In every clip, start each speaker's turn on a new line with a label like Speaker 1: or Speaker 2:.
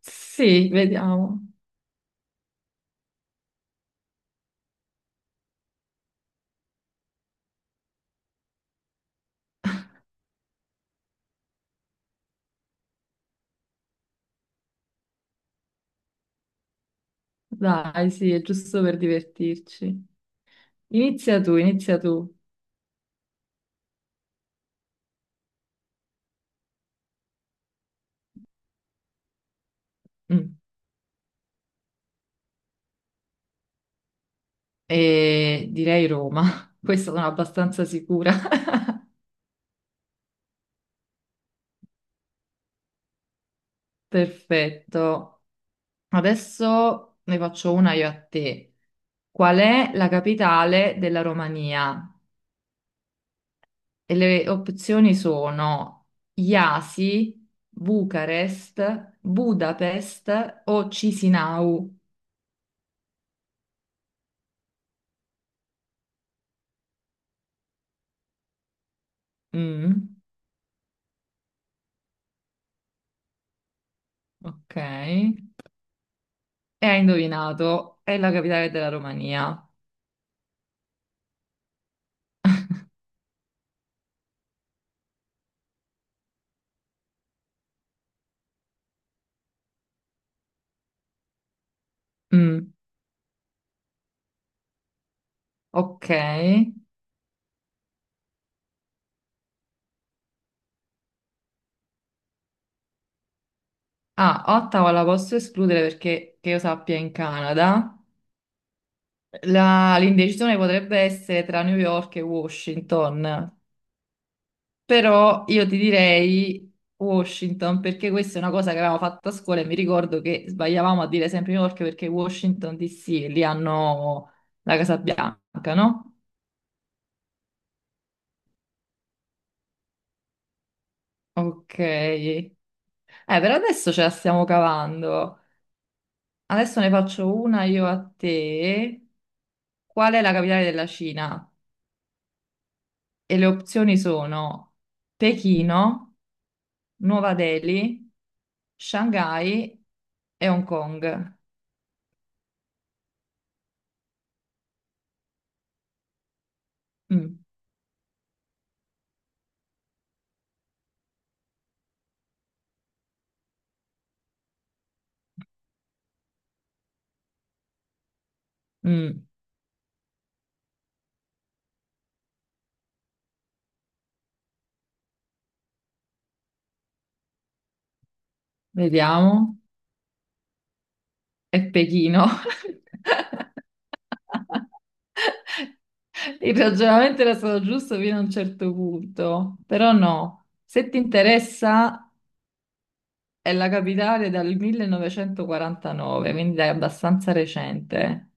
Speaker 1: Sì, vediamo. Dai, sì, è giusto per divertirci. Inizia tu, inizia tu. Mm. E direi Roma. Questa sono abbastanza sicura. Perfetto. Adesso ne faccio una io a te. Qual è la capitale della Romania? E le opzioni sono Iasi, Bucarest, Budapest o Cisinau. Mm, ok. E hai indovinato, è la capitale della Romania. Mm, ok. Ah, Ottawa la posso escludere perché, che io sappia, è in Canada. L'indecisione potrebbe essere tra New York e Washington, però io ti direi Washington perché questa è una cosa che avevamo fatto a scuola e mi ricordo che sbagliavamo a dire sempre New York perché Washington DC, lì hanno la Casa Bianca, no? Ok. Per adesso ce la stiamo cavando. Adesso ne faccio una io a te. Qual è la capitale della Cina? E le opzioni sono Pechino, Nuova Delhi, Shanghai e Hong Kong. Mm, mm, vediamo. È Pechino. Il ragionamento era stato giusto fino a un certo punto, però no. Se ti interessa, è la capitale dal 1949, quindi è abbastanza recente.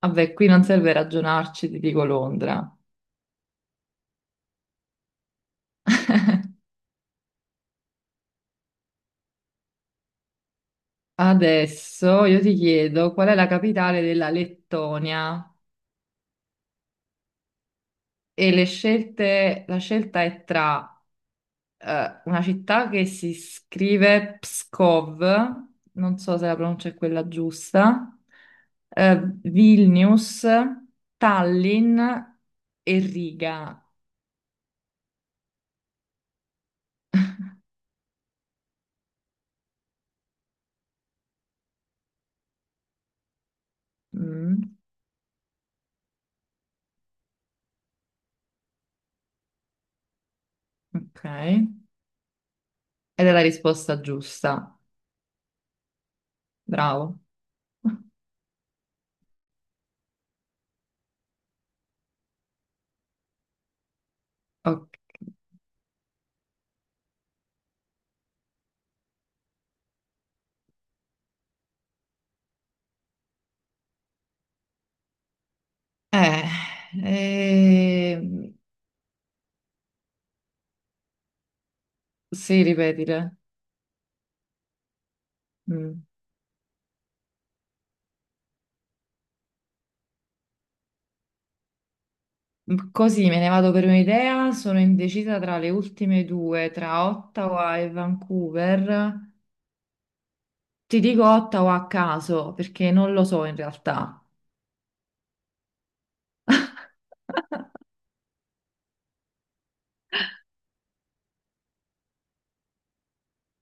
Speaker 1: Vabbè, qui non serve ragionarci, ti dico Londra. Adesso io ti chiedo qual è la capitale della Lettonia e la scelta è tra una città che si scrive Pskov, non so se la pronuncia è quella giusta, Vilnius, Tallinn e Riga. Mm, ok. Ed è la risposta giusta. Bravo. Ok. Eh, ehm, sì, ripetile. Mm. Così me ne vado per un'idea. Sono indecisa tra le ultime due, tra Ottawa e Vancouver. Ti dico Ottawa a caso perché non lo so in realtà.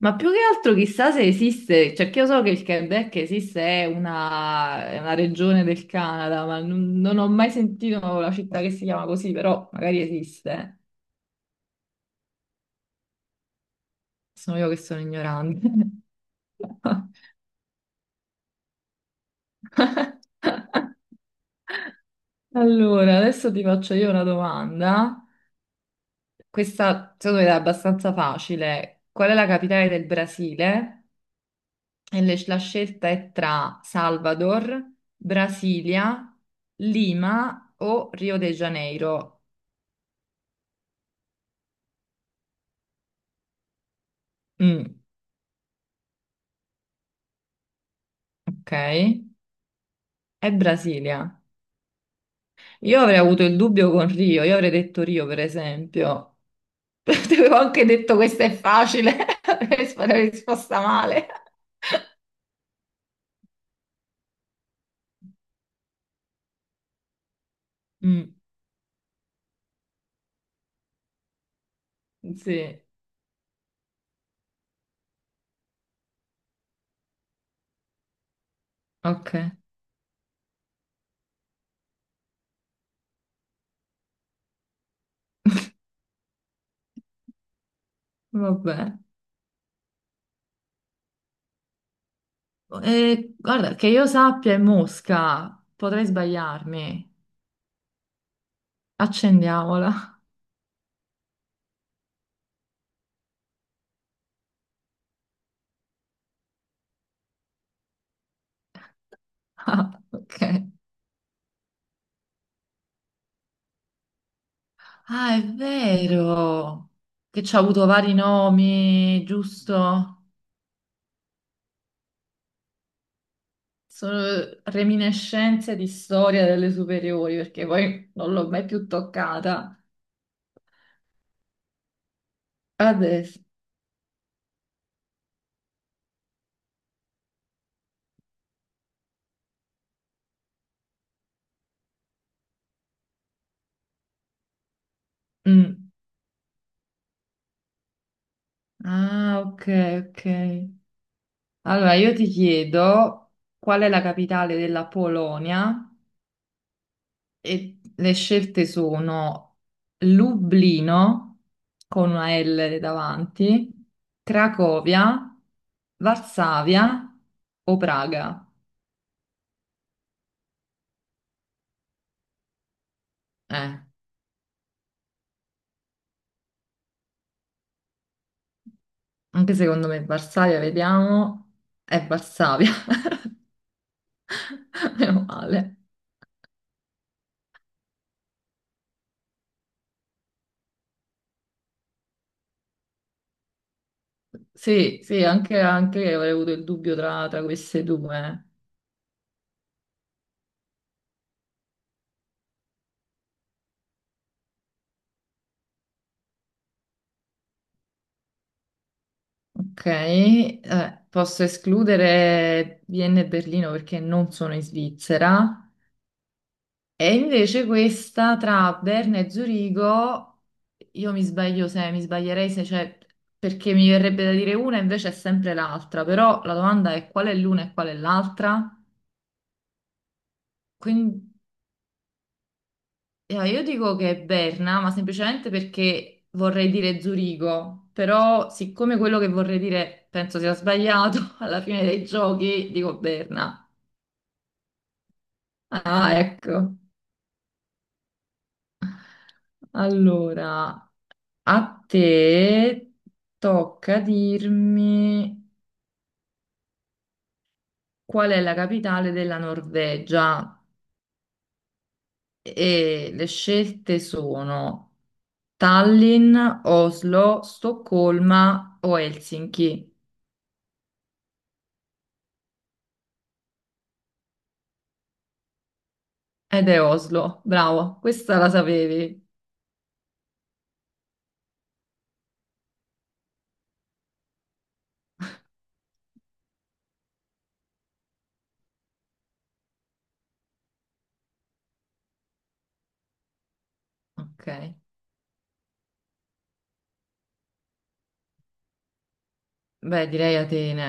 Speaker 1: Ma più che altro chissà se esiste, cioè che io so che il Quebec esiste, è è una regione del Canada, ma non ho mai sentito la città che si chiama così, però magari esiste. Sono io che sono ignorante. Allora, adesso ti faccio io una domanda. Questa secondo me è abbastanza facile. Qual è la capitale del Brasile? E la scelta è tra Salvador, Brasilia, Lima o Rio de Janeiro. Mm, ok, è Brasilia. Io avrei avuto il dubbio con Rio, io avrei detto Rio per esempio. Ti avevo anche detto questa è facile, avrei avrei risposta male. Mm. Sì, ok. Vabbè. E, guarda, che io sappia è Mosca, potrei sbagliarmi. Accendiamola. Ah, ok. Ah, è vero. Che ci ha avuto vari nomi, giusto? Sono reminiscenze di storia delle superiori, perché poi non l'ho mai più toccata. Adesso. Mm. Ah, ok, ok. Allora, io ti chiedo qual è la capitale della Polonia? E le scelte sono Lublino, con una L davanti, Cracovia, Varsavia o Praga. Eh, Anche secondo me Varsavia, vediamo, è Varsavia, meno male. Sì, sì, anche io avrei avuto il dubbio tra, tra queste due. Ok, posso escludere Vienna e Berlino perché non sono in Svizzera. E invece questa tra Berna e Zurigo, io mi sbaglio se mi sbaglierei se c'è, perché mi verrebbe da dire una, invece è sempre l'altra, però la domanda è qual è l'una e qual è l'altra? Quindi io dico che è Berna, ma semplicemente perché vorrei dire Zurigo, però siccome quello che vorrei dire penso sia sbagliato, alla fine dei giochi dico Berna. Ah, ecco. Allora, a te tocca dirmi qual è la capitale della Norvegia e le scelte sono Tallinn, Oslo, Stoccolma o Helsinki. Ed è Oslo, bravo, questa la sapevi. Ok, beh, direi Atene.